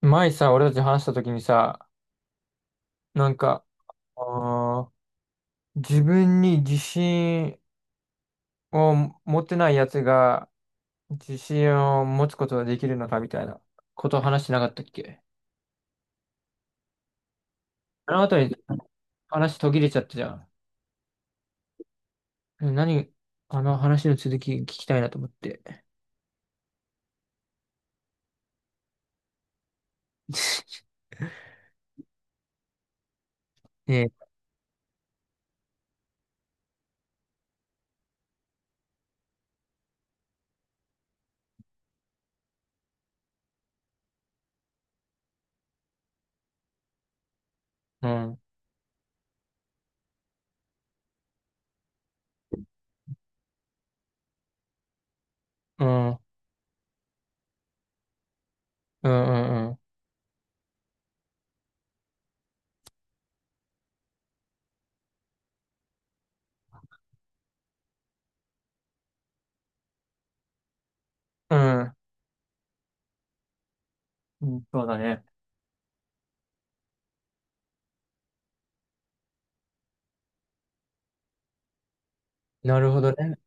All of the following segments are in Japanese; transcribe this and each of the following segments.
前さ、俺たち話した時にさ、なんか、あー自分に自信を持ってないやつが自信を持つことができるのかみたいなことを話してなかったっけ。あの後に話途切れちゃったじゃん。え、何、あの話の続き聞きたいなと思って。ね、うん、うん、うん、うん、うん、うん、うん、そうだね。なるほどね。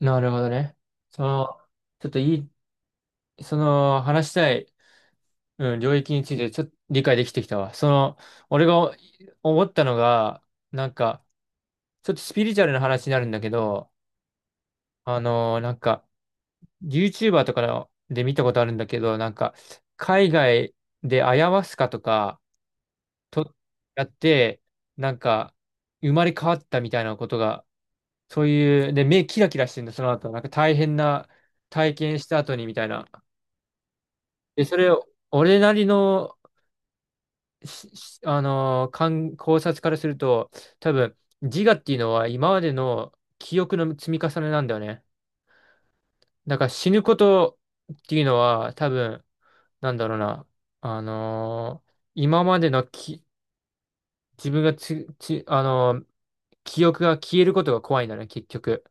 なるほどね。その、ちょっといい、その話したい、うん、領域についてちょっと理解できてきたわ。その、俺が思ったのが、なんか、ちょっとスピリチュアルな話になるんだけど、なんか、YouTuber とかので見たことあるんだけど、なんか、海外でアヤワスカとか、と、やって、なんか、生まれ変わったみたいなことが、そういう、で、目キラキラしてるんだ、その後。なんか大変な体験した後にみたいな。で、それを、俺なりの、ししあのー、観考察からすると、多分、自我っていうのは今までの記憶の積み重ねなんだよね。だから死ぬことっていうのは、多分、なんだろうな、今までのき自分がつ、つ、あのー、記憶が消えることが怖いんだね、結局。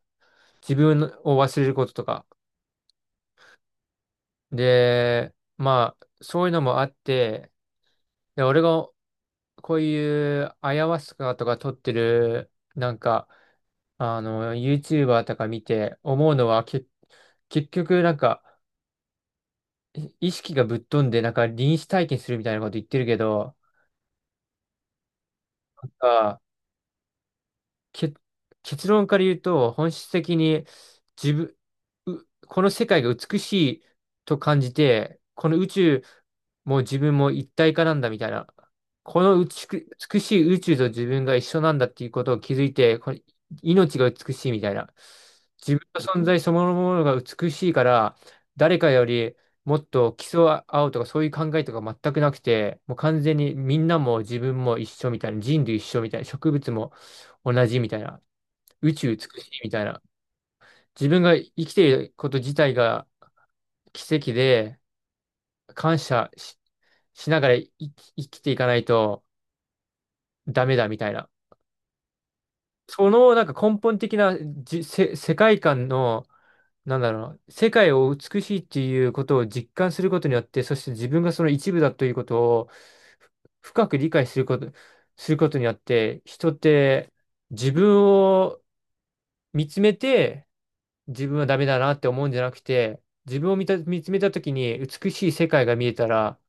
自分を忘れることとか。で、まあ、そういうのもあって、で、俺がこういうアヤワスカとか取ってる、なんか、あの、YouTuber とか見て思うのは、結局なんか、意識がぶっ飛んで、なんか臨死体験するみたいなこと言ってるけど、あ、け、結論から言うと、本質的に自分、うこの世界が美しいと感じて、この宇宙も自分も一体化なんだみたいな、この美しく美しい宇宙と自分が一緒なんだっていうことを気づいて、この命が美しいみたいな。自分の存在そのものが美しいから、誰かよりもっと競い合うとかそういう考えとか全くなくて、もう完全にみんなも自分も一緒みたいな、人類一緒みたいな、植物も同じみたいな、宇宙美しいみたいな。自分が生きていること自体が奇跡で、感謝し、しながら生きていかないとダメだみたいな。そのなんか根本的な世界観の、なんだろう、世界を美しいっていうことを実感することによって、そして自分がその一部だということを深く理解することによって、人って自分を見つめて、自分はダメだなって思うんじゃなくて、自分を見つめた時に美しい世界が見えたら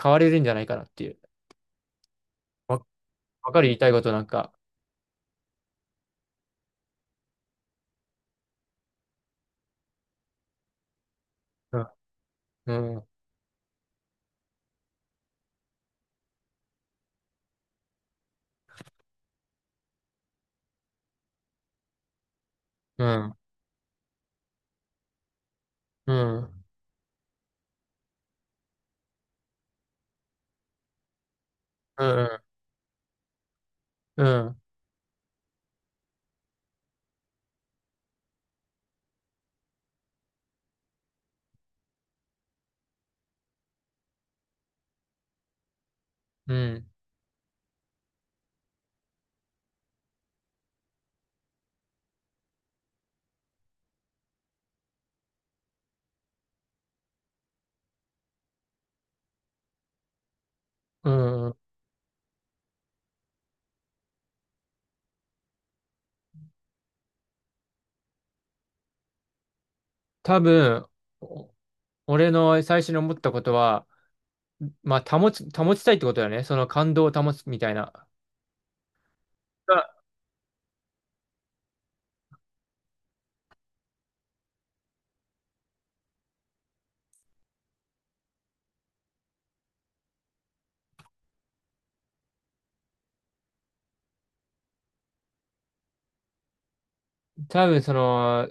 変われるんじゃないかなっていう。わ、わかる、言いたいことなんか。うん、うん、うん、うん、うん、うん、うん、うん。多分、お俺の最初に思ったことは、まあ、保ちたいってことだよね。その感動を保つみたいな。が多分、その、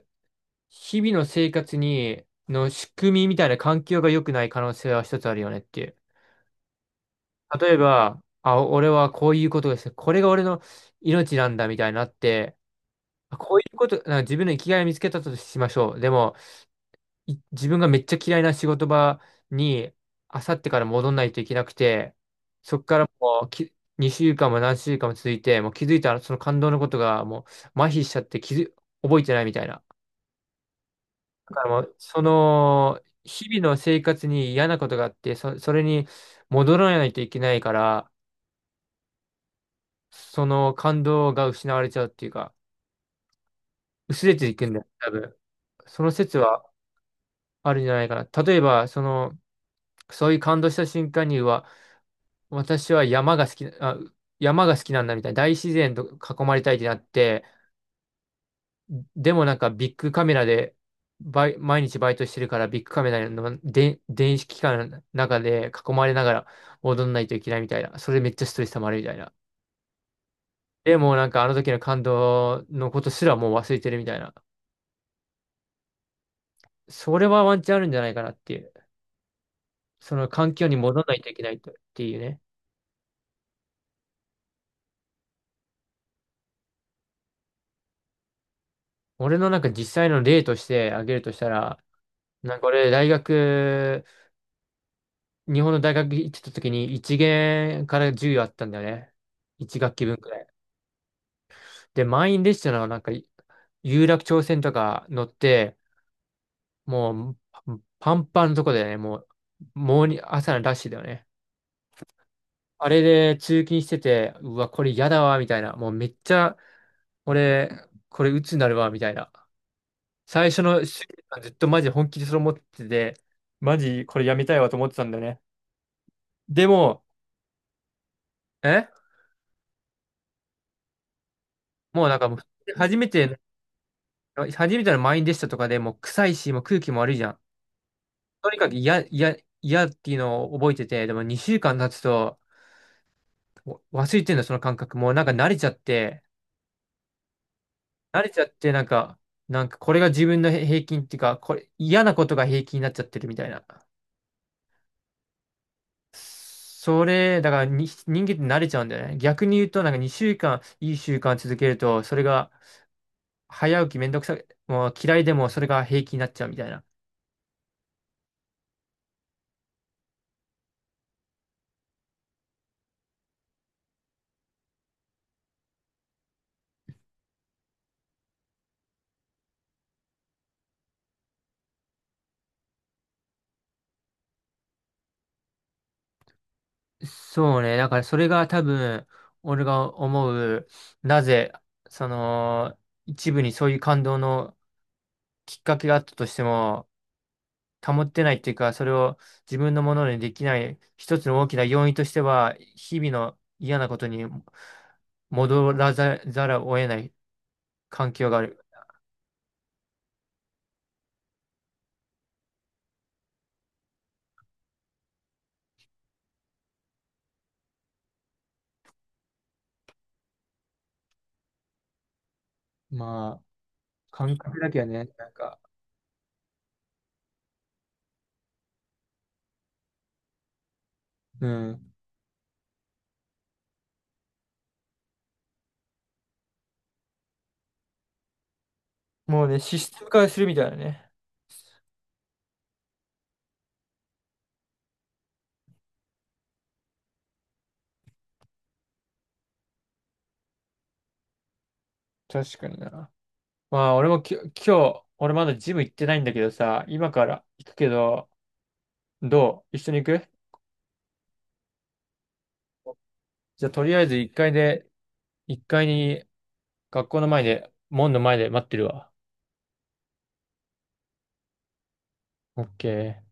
日々の生活の仕組みみたいな環境が良くない可能性は一つあるよねっていう。例えば、あ、俺はこういうことがして、これが俺の命なんだみたいになって、あこういうこと、なんか自分の生きがいを見つけたとしましょう。でも、自分がめっちゃ嫌いな仕事場に、あさってから戻んないといけなくて、そっからもう2週間も何週間も続いて、もう気づいたらその感動のことがもう麻痺しちゃって覚えてないみたいな。だからもう、その、日々の生活に嫌なことがあって、それに戻らないといけないから、その感動が失われちゃうっていうか、薄れていくんだよ、多分。その説はあるんじゃないかな。例えば、その、そういう感動した瞬間には、私は山が好き、あ、山が好きなんだみたいな、大自然と囲まれたいってなって、でもなんかビッグカメラで、毎日バイトしてるからビッグカメラので電子機関の中で囲まれながら踊んないといけないみたいな。それめっちゃストレス溜まるみたいな。でもなんかあの時の感動のことすらもう忘れてるみたいな。それはワンチャンあるんじゃないかなっていう。その環境に戻らないといけないとっていうね。俺のなんか実際の例として挙げるとしたら、なんか俺日本の大学行ってた時に1限から10あったんだよね。1学期分くらい。で、満員列車のなんか有楽町線とか乗って、もうパンパンのとこだよね。もうに朝のラッシュだよね。あれで通勤してて、うわ、これ嫌だわ、みたいな。もうめっちゃ、俺、これ鬱になるわ、みたいな。最初の週間ずっとマジ本気でそれ思ってて、マジこれやめたいわと思ってたんだよね。でも、えもうなんかもう、初めて、初めての満員でしたとかでもう臭いし、もう空気も悪いじゃん。とにかく嫌、嫌、嫌っていうのを覚えてて、でも2週間経つと忘れてんだ、その感覚。もうなんか慣れちゃって、なんか、なんかこれが自分の平均っていうか、これ、嫌なことが平均になっちゃってるみたいな。それ、だからに人間って慣れちゃうんだよね。逆に言うと、なんか2週間、いい習慣続けると、それが早起きめんどくさい、もう嫌いでもそれが平気になっちゃうみたいな。そうね。だからそれが多分、俺が思う、なぜ、その、一部にそういう感動のきっかけがあったとしても、保ってないっていうか、それを自分のものにできない、一つの大きな要因としては、日々の嫌なことに戻らざ、ざるを得ない環境がある。まあ、感覚だけはね、なんか、うん。もうね、システム化するみたいなね。確かにな。まあ、俺も今日、俺まだジム行ってないんだけどさ、今から行くけど、どう一緒に行く。じゃあ、とりあえず1階で、1階に学校の前で、門の前で待ってるわ。オッケー。